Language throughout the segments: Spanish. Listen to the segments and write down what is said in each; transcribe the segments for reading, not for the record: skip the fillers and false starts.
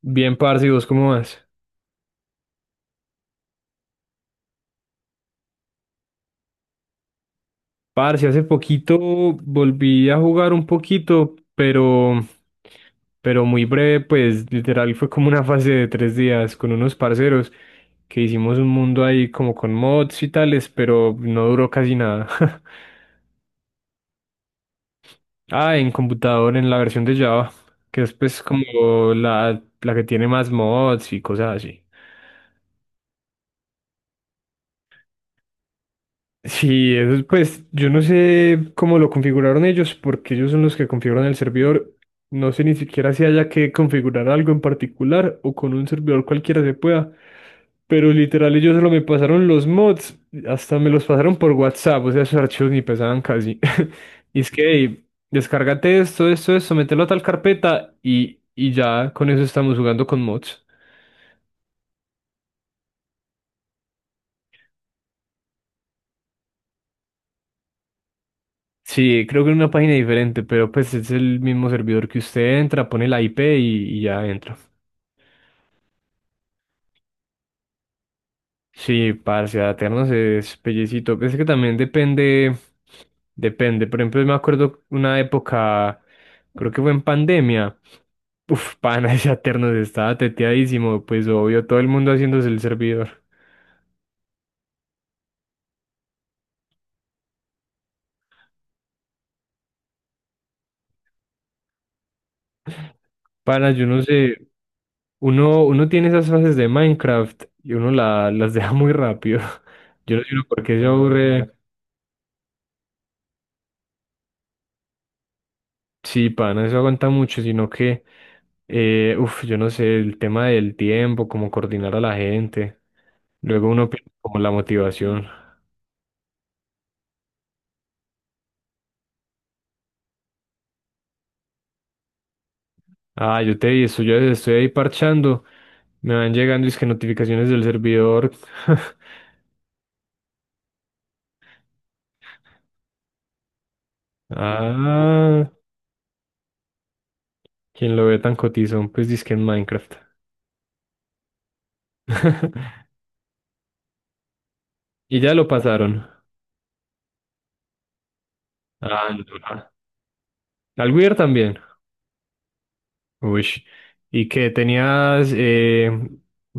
Bien, parce, ¿y vos cómo vas? Parce, hace poquito volví a jugar un poquito, pero muy breve, pues literal fue como una fase de tres días con unos parceros que hicimos un mundo ahí como con mods y tales, pero no duró casi nada. Ah, en computador, en la versión de Java, que es pues como la que tiene más mods y cosas así. Sí, eso es, pues yo no sé cómo lo configuraron ellos, porque ellos son los que configuran el servidor. No sé ni siquiera si haya que configurar algo en particular o con un servidor cualquiera se pueda. Pero literal ellos solo me pasaron los mods, hasta me los pasaron por WhatsApp, o sea, esos archivos ni pesaban casi. Y es que, "Ey, descárgate esto, esto, esto, mételo a tal carpeta y ya con eso estamos jugando con mods". Sí, creo que en una página diferente, pero pues es el mismo servidor que usted entra, pone la IP y ya entra. Sí, parce, Aternos es pellecito. Es que también depende, depende. Por ejemplo, me acuerdo una época, creo que fue en pandemia. Uf, pana, ese Aternos estaba teteadísimo, pues obvio, todo el mundo haciéndose el servidor. Pana, yo no sé, uno tiene esas fases de Minecraft y uno las deja muy rápido. Yo no sé uno por qué se aburre. Sí, pa, no se aguanta mucho, sino que, yo no sé, el tema del tiempo, cómo coordinar a la gente. Luego uno pierde como la motivación. Ah, yo te vi, eso, yo estoy ahí parchando. Me van llegando es que notificaciones del servidor. Ah, quien lo ve tan cotizón, pues dice que en Minecraft. Y ya lo pasaron. Ah, no. Ah. Al Weir también. Uy. ¿Y que tenías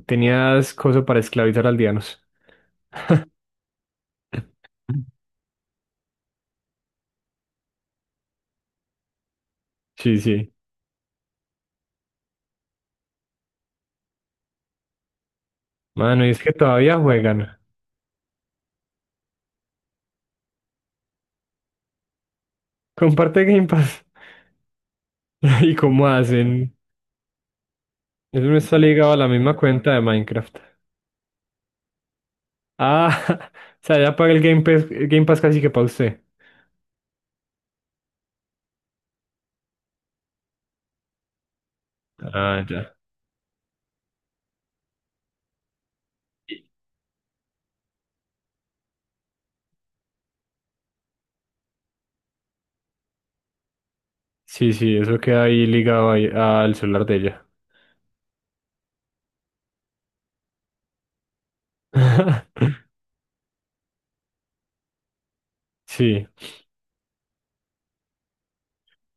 tenías cosa para esclavizar aldeanos? Sí, sí. Mano, y es que todavía juegan. Comparte Game Pass. ¿Y cómo hacen? Eso no está ligado a la misma cuenta de Minecraft. Ah, o sea, ya paga el Game Pass casi que para usted. Ah, ya. Sí, sí, eso queda ahí ligado ahí al celular de ella. Sí.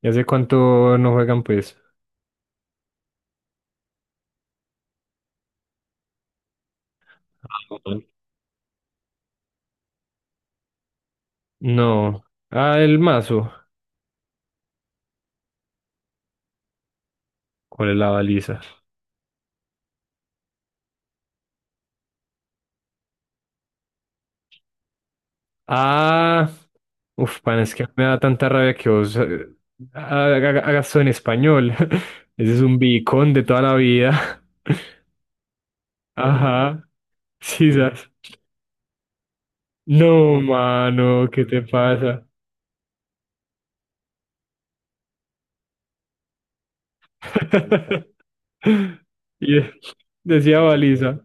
¿Y hace cuánto no juegan, pues? No. Ah, el mazo. ¿Cuál es la baliza? Ah. Uf, pan, es que me da tanta rabia que vos hagas eso en español. Ese es un bicón de toda la vida. Ajá. Sí, sabes. No, mano, ¿qué te pasa? Y de- Decía baliza.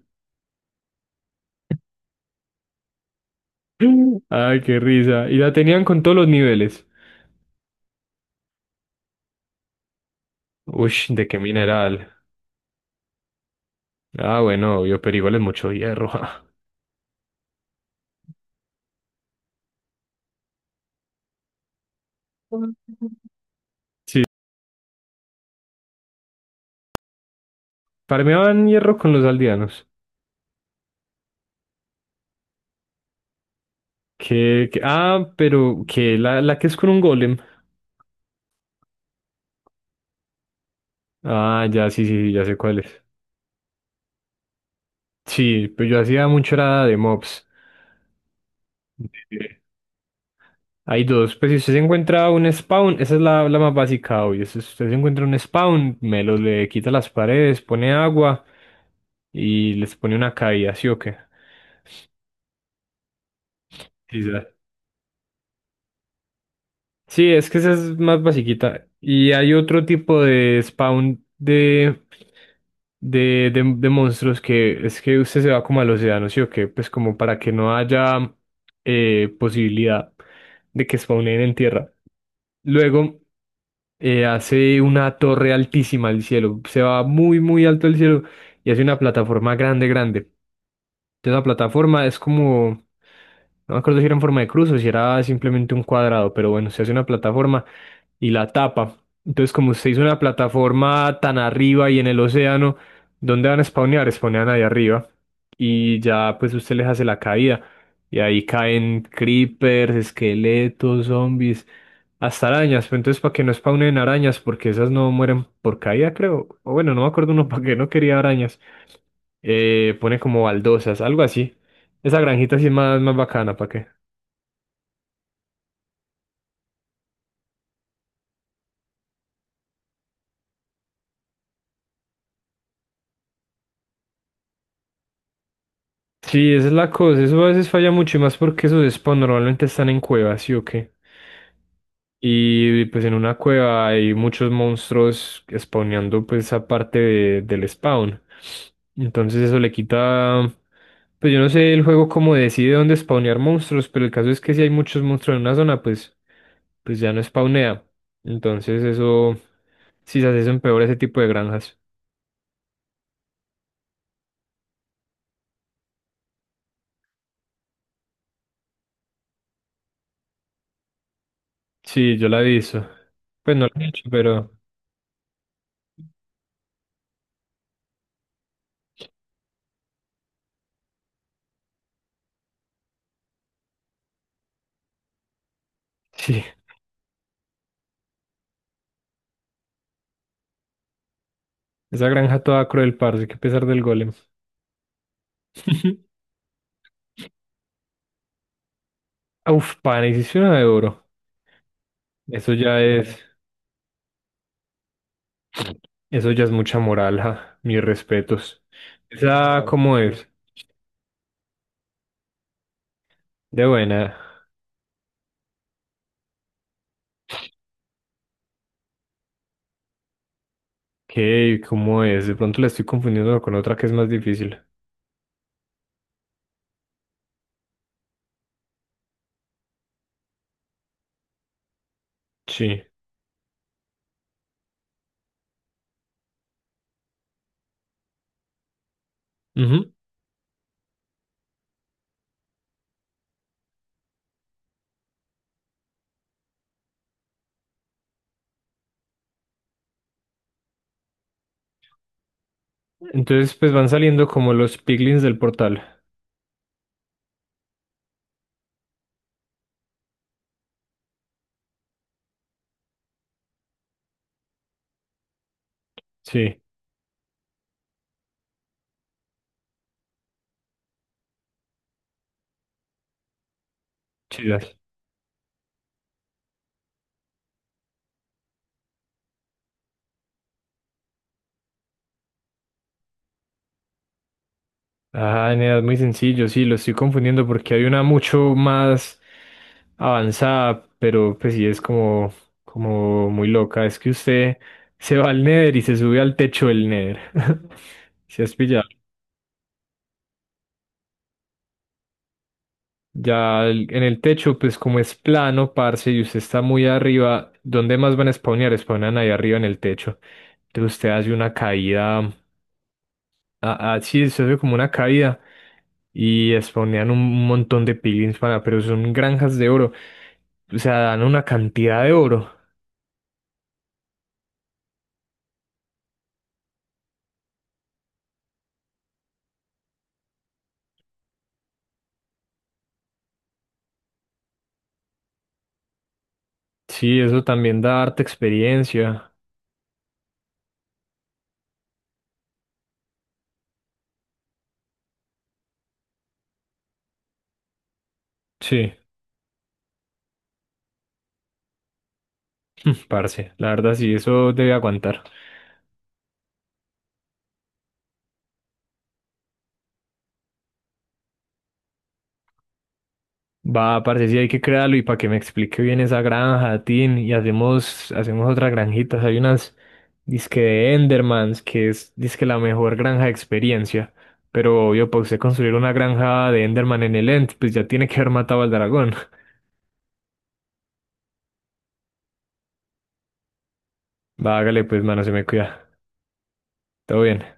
Ay, qué risa. Y la tenían con todos los niveles. Uy, ¿de qué mineral? Ah, bueno, obvio, pero igual es mucho hierro. Sí, farmeaban hierro con los aldeanos. Pero que la que es con un golem. Ah, ya, sí, sí, sí, ya sé cuál es. Sí, pues yo hacía mucho era de mobs. Eh, Hay dos, pues si usted se encuentra un spawn, esa es la más básica, obvio. Si usted se encuentra un spawn, me lo le quita las paredes, pone agua y les pone una caída, ¿sí o qué? Sí, ya. Sí, es que esa es más basiquita. Y hay otro tipo de spawn de monstruos que es que usted se va como al océano, ¿sí o qué? Pues como para que no haya posibilidad de que spawnen en tierra. Luego hace una torre altísima al cielo, se va muy, muy alto al cielo y hace una plataforma grande, grande. Entonces la plataforma es como, no me acuerdo si era en forma de cruz o si era simplemente un cuadrado, pero bueno, se hace una plataforma y la tapa. Entonces, como usted hizo una plataforma tan arriba y en el océano, ¿dónde van a spawnear? Spawnean ahí arriba. Y ya, pues usted les hace la caída. Y ahí caen creepers, esqueletos, zombies, hasta arañas. Pero entonces, para que no spawnen arañas, porque esas no mueren por caída, creo. O bueno, no me acuerdo uno para qué no quería arañas. Pone como baldosas, algo así. Esa granjita sí es más, más bacana, ¿para qué? Sí, esa es la cosa, eso a veces falla mucho y más porque esos spawns normalmente están en cuevas, ¿sí o qué? Y pues en una cueva hay muchos monstruos spawneando pues esa del spawn. Entonces eso le quita, pues yo no sé el juego cómo decide dónde spawnear monstruos, pero el caso es que si hay muchos monstruos en una zona, pues ya no spawnea. Entonces eso, sí, se hace eso empeora ese tipo de granjas. Sí, yo la he visto. Pues no la he hecho, pero sí. Esa granja toda cruel, parce, que pesar del golem. Uf, pana, hiciste una de oro. Eso ya es, Eso ya es mucha moral, ja. Mis respetos. Esa, claro. ¿Cómo es? De buena. ¿Qué? ¿Cómo es? De pronto la estoy confundiendo con otra que es más difícil. Sí. Ujú. Entonces, pues van saliendo como los piglins del portal. Sí, chidas. Ah, nada, es muy sencillo, sí, lo estoy confundiendo porque hay una mucho más avanzada, pero pues sí es como, como muy loca. Es que usted se va al Nether y se sube al techo del Nether. Si has pillado. En el techo, pues como es plano, parce, y usted está muy arriba, ¿dónde más van a spawnear? Spawnan ahí arriba en el techo. Entonces usted hace una caída. Sí, se hace como una caída y spawnean un montón de piglins, pana, pero son granjas de oro. O sea, dan una cantidad de oro. Sí, eso también da harta experiencia. Sí, parce, la verdad sí, eso debe aguantar. Va, parce, sí hay que crearlo y para que me explique bien esa granja, Tin, y hacemos, hacemos otras granjitas. Hay unas disque de Endermans, que es disque la mejor granja de experiencia. Pero obvio, para usted construir una granja de Enderman en el End, pues ya tiene que haber matado al dragón. Va, hágale pues, mano, se me cuida. Todo bien.